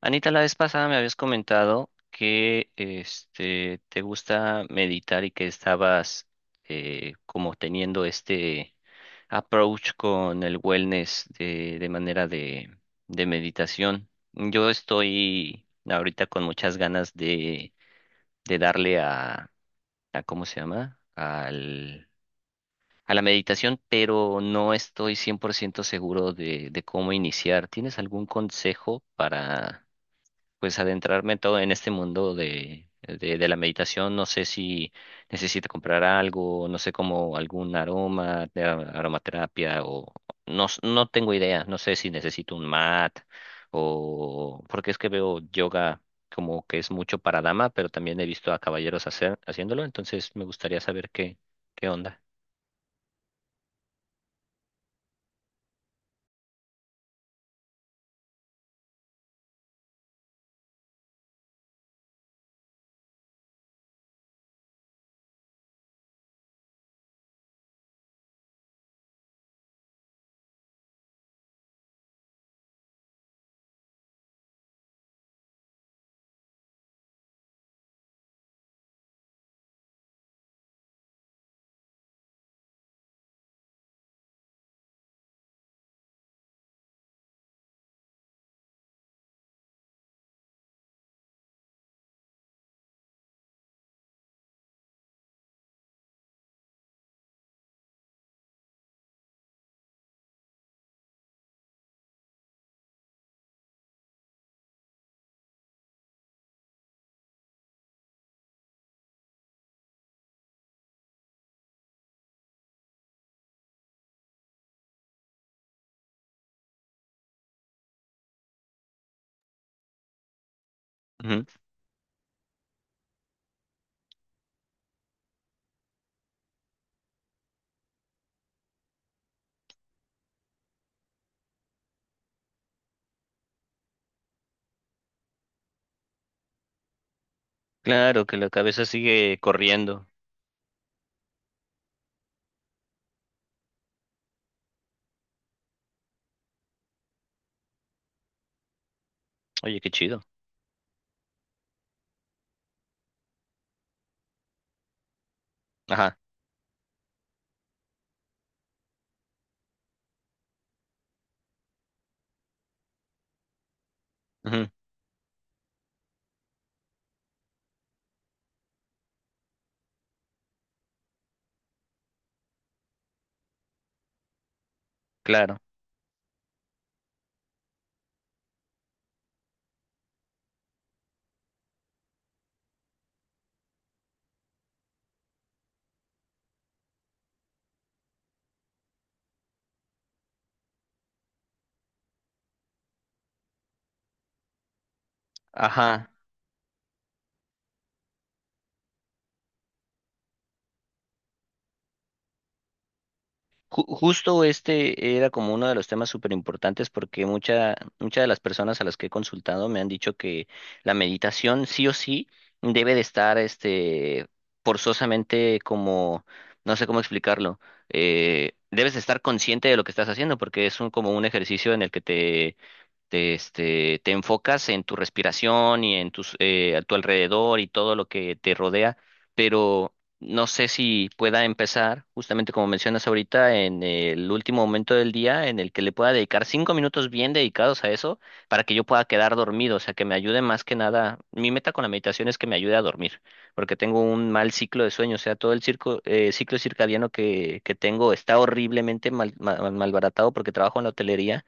Anita, la vez pasada me habías comentado que este te gusta meditar y que estabas como teniendo este approach con el wellness de manera de meditación. Yo estoy ahorita con muchas ganas de darle a ¿cómo se llama? Al, a la meditación, pero no estoy 100% seguro de cómo iniciar. ¿Tienes algún consejo para pues adentrarme todo en este mundo de la meditación? No sé si necesito comprar algo, no sé como algún aroma, de aromaterapia o no, no tengo idea. No sé si necesito un mat o porque es que veo yoga como que es mucho para dama, pero también he visto a caballeros haciéndolo, entonces me gustaría saber qué onda. Ujú. Claro, que la cabeza sigue corriendo. Oye, qué chido. Ajá, ujú, claro. Ajá. Justo este era como uno de los temas súper importantes porque muchas de las personas a las que he consultado me han dicho que la meditación sí o sí debe de estar este, forzosamente como, no sé cómo explicarlo, debes de estar consciente de lo que estás haciendo porque es un, como un ejercicio en el que este, te enfocas en tu respiración y en tus, a tu alrededor y todo lo que te rodea, pero no sé si pueda empezar, justamente como mencionas ahorita, en el último momento del día en el que le pueda dedicar 5 minutos bien dedicados a eso para que yo pueda quedar dormido, o sea, que me ayude más que nada. Mi meta con la meditación es que me ayude a dormir, porque tengo un mal ciclo de sueño, o sea, todo el circo, ciclo circadiano que tengo está horriblemente mal, malbaratado porque trabajo en la hotelería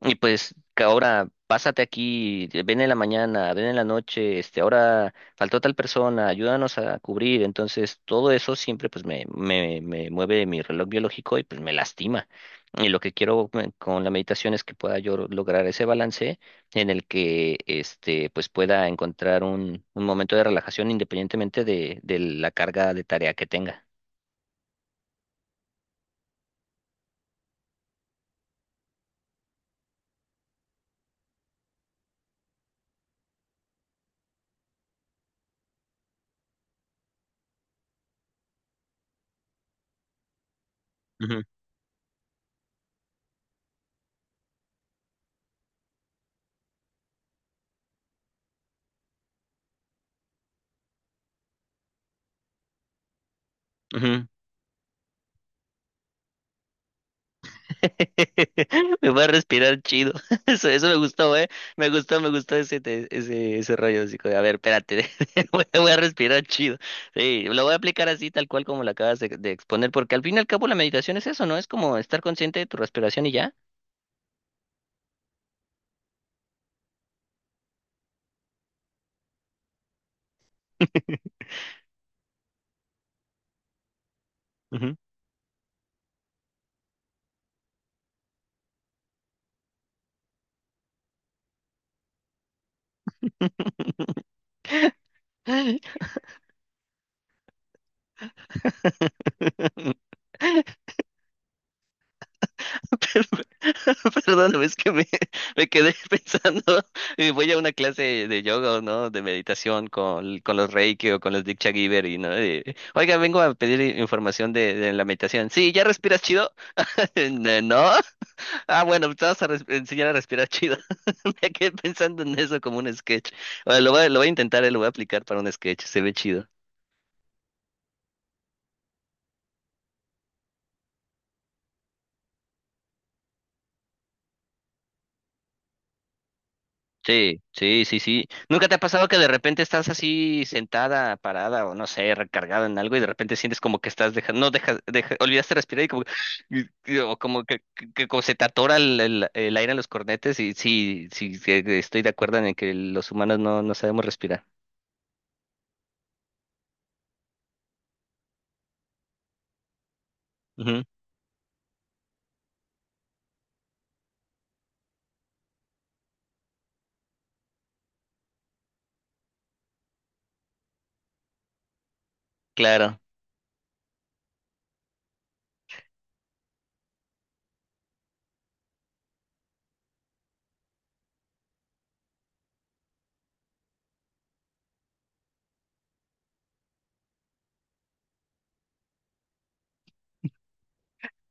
y pues que ahora pásate aquí, ven en la mañana, ven en la noche, este, ahora faltó tal persona, ayúdanos a cubrir. Entonces, todo eso siempre pues me mueve mi reloj biológico y pues me lastima. Y lo que quiero con la meditación es que pueda yo lograr ese balance en el que este pues pueda encontrar un momento de relajación independientemente de la carga de tarea que tenga. Ujú, ujú. Me voy a respirar chido. Eso me gustó, eh. Me gustó ese, ese, ese rollo. Así como, a ver, espérate, voy a respirar chido. Sí, lo voy a aplicar así, tal cual como lo acabas de exponer, porque al fin y al cabo la meditación es eso, ¿no? Es como estar consciente de tu respiración y ya. Ujú. Perdón, es que me quedé pensando, voy a una clase de yoga, ¿no? De meditación con los Reiki o con los Diksha Giver y, ¿no? Oiga, vengo a pedir información de la meditación. Sí, ¿ya respiras chido? ¿No? Ah, bueno, te vas a enseñar a respirar chido. Me quedé pensando en eso como un sketch. Bueno, lo voy, lo voy a intentar, lo voy a aplicar para un sketch, se ve chido. Sí, sí, sí, sí. ¿Nunca te ha pasado que de repente estás así sentada, parada o no sé, recargada en algo y de repente sientes como que estás dejando, no dejas, olvidaste respirar y como, o como que como se te atora el, el aire en los cornetes y sí, sí, sí, estoy de acuerdo en que los humanos no, no sabemos respirar. Ujú, claro,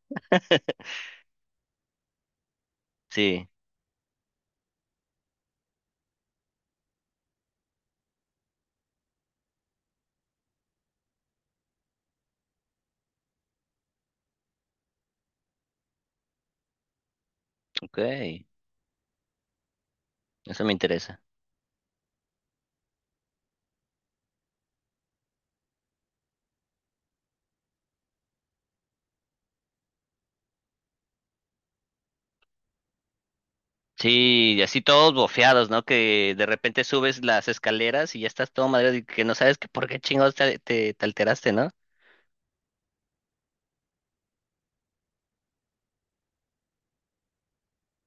sí, ok, eso me interesa. Sí, y así todos bofeados, ¿no? Que de repente subes las escaleras y ya estás todo madreado y que no sabes que por qué chingados te, te alteraste, ¿no?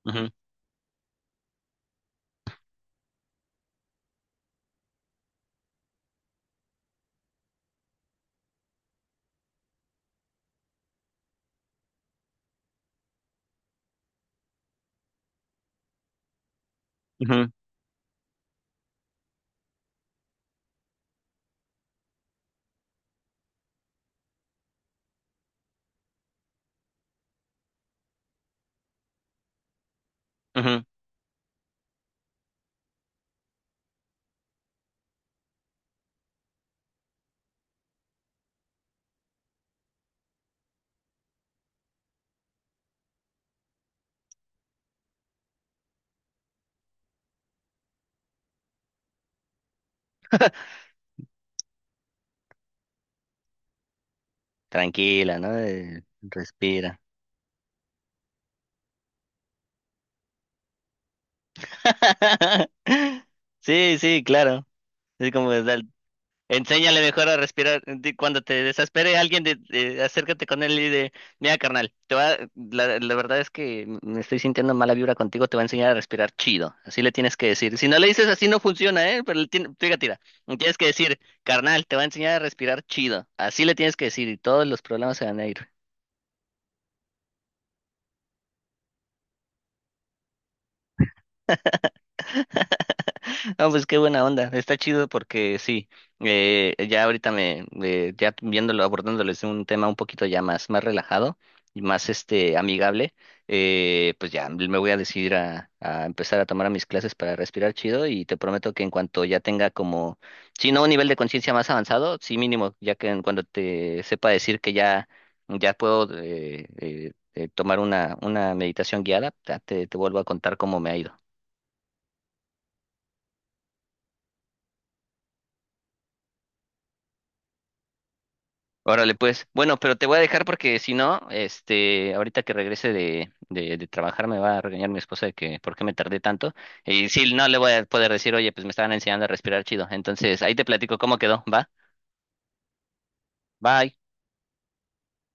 Ujú, ujú, ujú. Tranquila, ¿no? Respira. Sí, sí, claro. Es como enséñale mejor a respirar. Cuando te desespere alguien, acércate con él y de, mira, carnal, la, la verdad es que me estoy sintiendo mala vibra contigo, te va a enseñar a respirar chido. Así le tienes que decir. Si no le dices así no funciona, ¿eh? Pero fíjate, mira, le tienes que decir, carnal, te va a enseñar a respirar chido. Así le tienes que decir y todos los problemas se van a ir. No, pues qué buena onda. Está chido porque sí, ya ahorita me, ya viéndolo, abordándolo desde un tema un poquito ya más relajado y más este amigable, pues ya me voy a decidir a empezar a tomar mis clases para respirar chido y te prometo que en cuanto ya tenga como, si no un nivel de conciencia más avanzado, sí mínimo, ya que en cuando te sepa decir que ya, ya puedo tomar una meditación guiada, ya te vuelvo a contar cómo me ha ido. Órale, pues. Bueno, pero te voy a dejar porque si no, este, ahorita que regrese de trabajar me va a regañar mi esposa de que por qué me tardé tanto. Y sí, no le voy a poder decir, oye, pues me estaban enseñando a respirar chido. Entonces, ahí te platico cómo quedó, ¿va? Bye.